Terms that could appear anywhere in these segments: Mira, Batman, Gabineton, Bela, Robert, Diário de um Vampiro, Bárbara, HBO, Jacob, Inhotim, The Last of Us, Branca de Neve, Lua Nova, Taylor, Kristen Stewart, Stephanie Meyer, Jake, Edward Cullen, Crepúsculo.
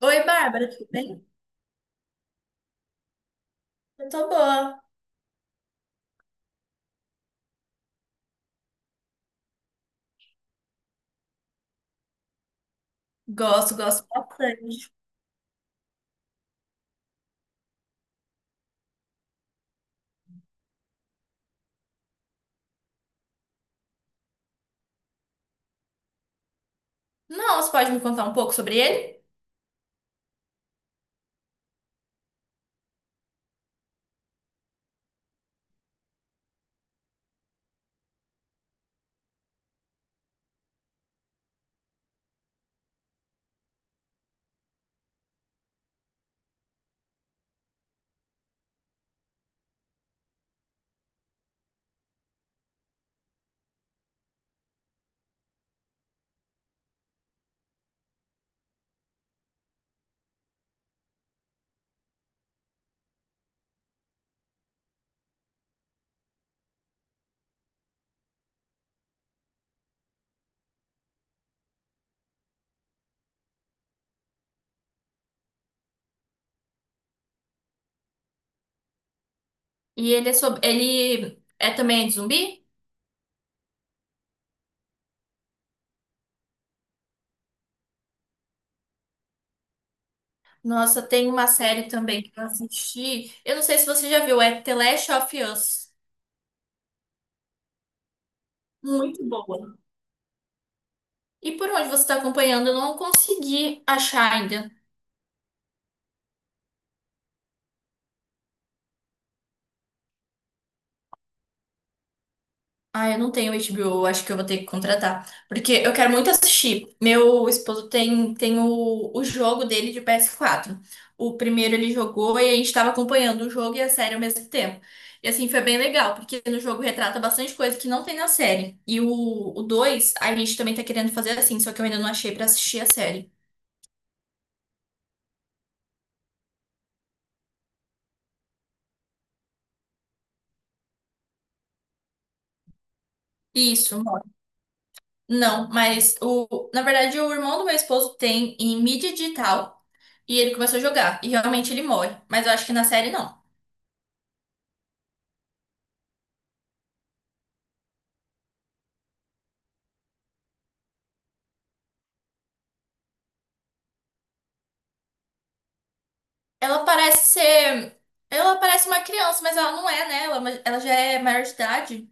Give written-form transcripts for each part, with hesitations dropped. Oi, Bárbara, tudo bem? Eu tô boa. Gosto, gosto bastante. Não, você pode me contar um pouco sobre ele? E ele é sobre... ele é também de zumbi? Nossa, tem uma série também que eu assisti. Eu não sei se você já viu, é The Last of Us. Muito boa. E por onde você tá acompanhando? Eu não consegui achar ainda. Ah, eu não tenho HBO, acho que eu vou ter que contratar, porque eu quero muito assistir. Meu esposo tem, tem o jogo dele de ps quatro. O primeiro ele jogou e a gente estava acompanhando o jogo e a série ao mesmo tempo. E assim, foi bem legal, porque no jogo retrata bastante coisa que não tem na série. E o 2 a gente também tá querendo fazer assim, só que eu ainda não achei pra assistir a série. Isso, mano. Não, mas o, na verdade o irmão do meu esposo tem em mídia digital e ele começou a jogar. E realmente ele morre, mas eu acho que na série não. Ela parece ser. Ela parece uma criança, mas ela não é, né? Ela já é maior de idade.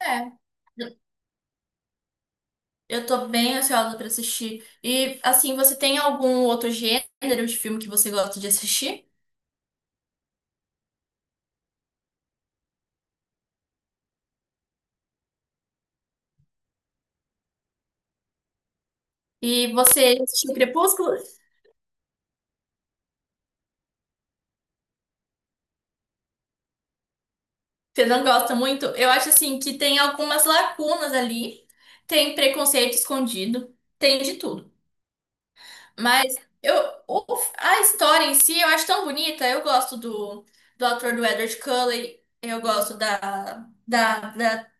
É. Eu tô bem ansiosa pra assistir. E, assim, você tem algum outro gênero de filme que você gosta de assistir? E você assistiu Crepúsculo? Você não gosta muito? Eu acho, assim, que tem algumas lacunas ali. Tem preconceito escondido. Tem de tudo. Mas eu, o- a história em si eu acho tão bonita. Eu gosto do ator do Edward Cullen. Eu gosto da.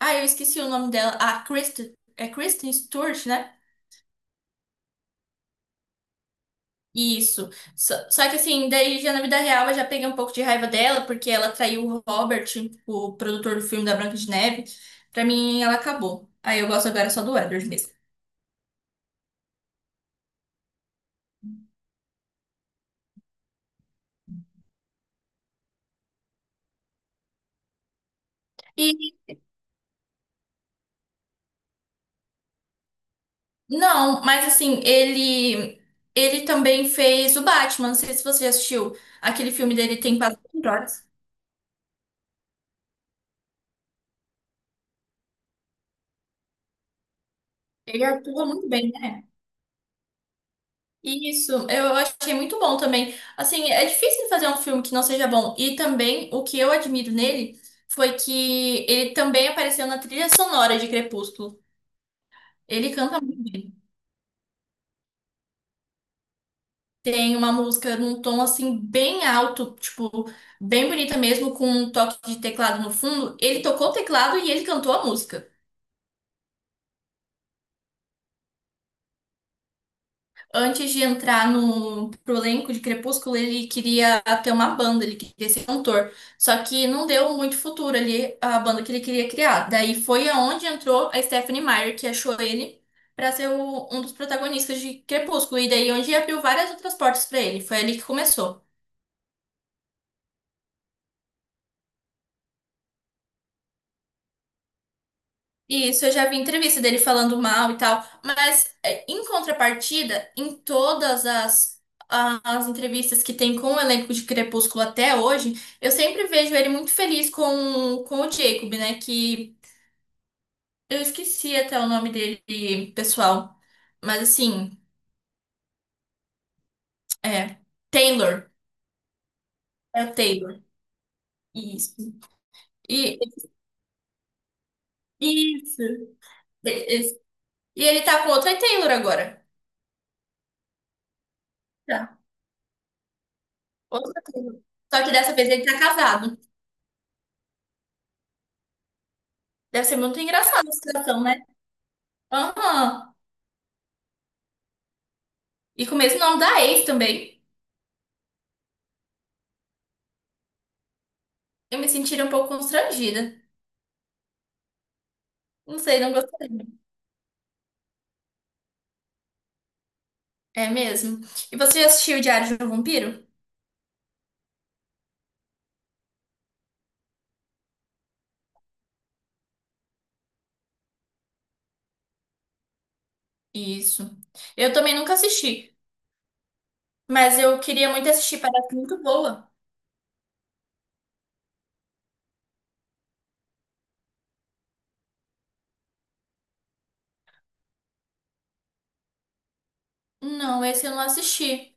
Ah, eu esqueci o nome dela. A Kristen, é Kristen Stewart, né? Isso. Só que assim, daí já na vida real eu já peguei um pouco de raiva dela, porque ela traiu o Robert, o produtor do filme da Branca de Neve. Pra mim, ela acabou. Aí eu gosto agora só do Edward mesmo. Não, mas assim, ele também fez o Batman. Não sei se você já assistiu aquele filme dele, tem quase 24 horas. Ele atua muito bem, né? Isso, eu achei muito bom também. Assim, é difícil fazer um filme que não seja bom. E também o que eu admiro nele foi que ele também apareceu na trilha sonora de Crepúsculo. Ele canta muito bem. Tem uma música num tom assim bem alto, tipo, bem bonita mesmo, com um toque de teclado no fundo. Ele tocou o teclado e ele cantou a música. Antes de entrar no pro elenco de Crepúsculo, ele queria ter uma banda, ele queria ser cantor. Só que não deu muito futuro ali a banda que ele queria criar. Daí foi aonde entrou a Stephanie Meyer, que achou ele para ser um dos protagonistas de Crepúsculo. E daí onde abriu várias outras portas para ele. Foi ali que começou. Isso, eu já vi entrevista dele falando mal e tal, mas é, em contrapartida, em todas as, as entrevistas que tem com o elenco de Crepúsculo até hoje, eu sempre vejo ele muito feliz com o Jacob, né? Que eu esqueci até o nome dele pessoal, mas assim, é Taylor, é o Taylor, isso. E, isso. E, e ele tá com outra Taylor agora. Tá, outra Taylor. Só que dessa vez ele tá casado. Deve ser muito engraçado a situação, né? Aham. E com o mesmo nome da ex também. Eu me sentiria um pouco constrangida. Não sei, não gostaria. É mesmo. E você já assistiu o Diário de um Vampiro? Isso. Eu também nunca assisti, mas eu queria muito assistir, parece muito boa. Não, esse eu não assisti.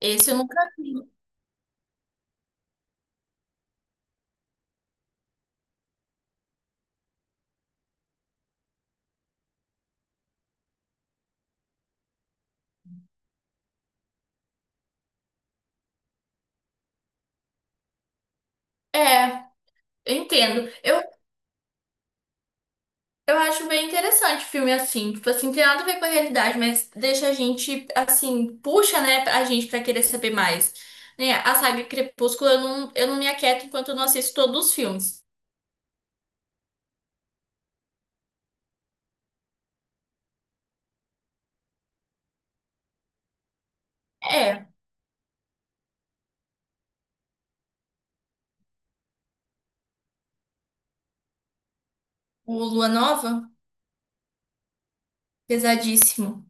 Esse eu nunca vi. É, eu entendo. Eu acho bem interessante filme assim. Tipo assim, tem nada a ver com a realidade, mas deixa a gente, assim, puxa, né, a gente pra querer saber mais. Né? A saga Crepúsculo, eu não me aquieto enquanto eu não assisto todos os filmes. É, o Lua Nova, pesadíssimo.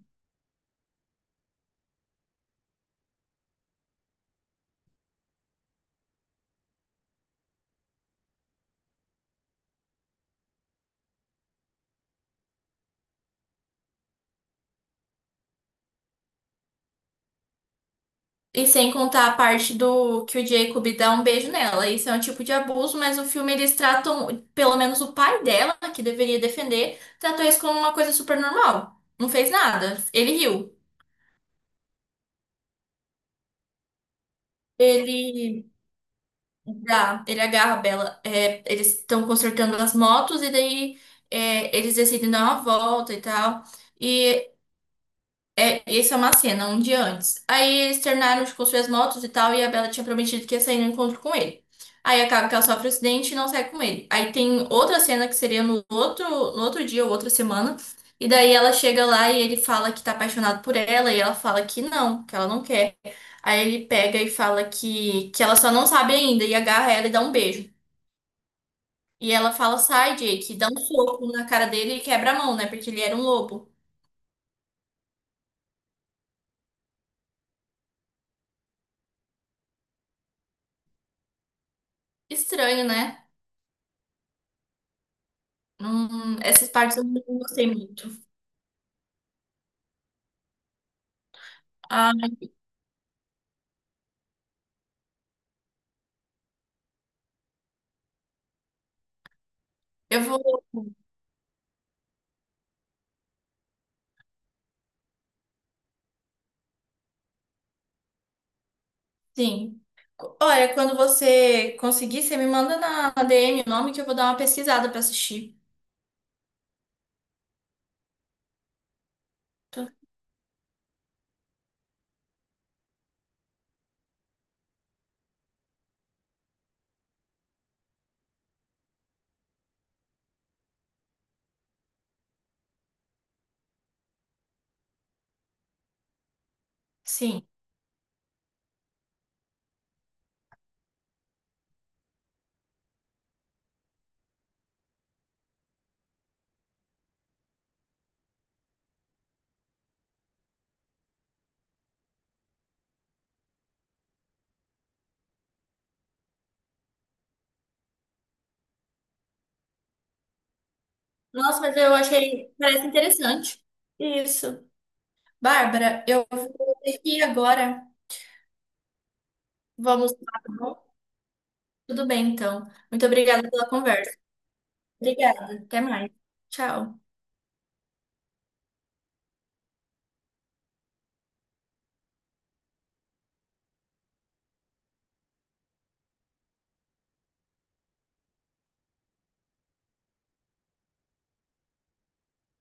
E sem contar a parte do que o Jacob dá um beijo nela. Isso é um tipo de abuso, mas o filme eles tratam, pelo menos o pai dela, que deveria defender, tratou isso como uma coisa super normal. Não fez nada. Ele riu. Ele. Já, ele agarra a Bela. É, eles estão consertando as motos e daí é, eles decidem dar uma volta e tal. E é, isso é uma cena, um dia antes. Aí eles terminaram de construir as motos e tal, e a Bella tinha prometido que ia sair no encontro com ele. Aí acaba que ela sofre um acidente e não sai com ele. Aí tem outra cena que seria no outro, no outro dia ou outra semana. E daí ela chega lá e ele fala que tá apaixonado por ela, e ela fala que não, que ela não quer. Aí ele pega e fala que ela só não sabe ainda, e agarra ela e dá um beijo. E ela fala, sai, Jake, e dá um soco na cara dele e quebra a mão, né? Porque ele era um lobo. Estranho, né? Essas partes eu não gostei muito. Ah, eu vou. Sim. Olha, quando você conseguir, você me manda na DM o nome que eu vou dar uma pesquisada pra assistir. Tô- Sim. Nossa, mas eu achei. Parece interessante. Isso. Bárbara, eu vou ter que ir agora. Vamos lá, tá bom? Tudo bem, então. Muito obrigada pela conversa. Obrigada. Até mais. Tchau.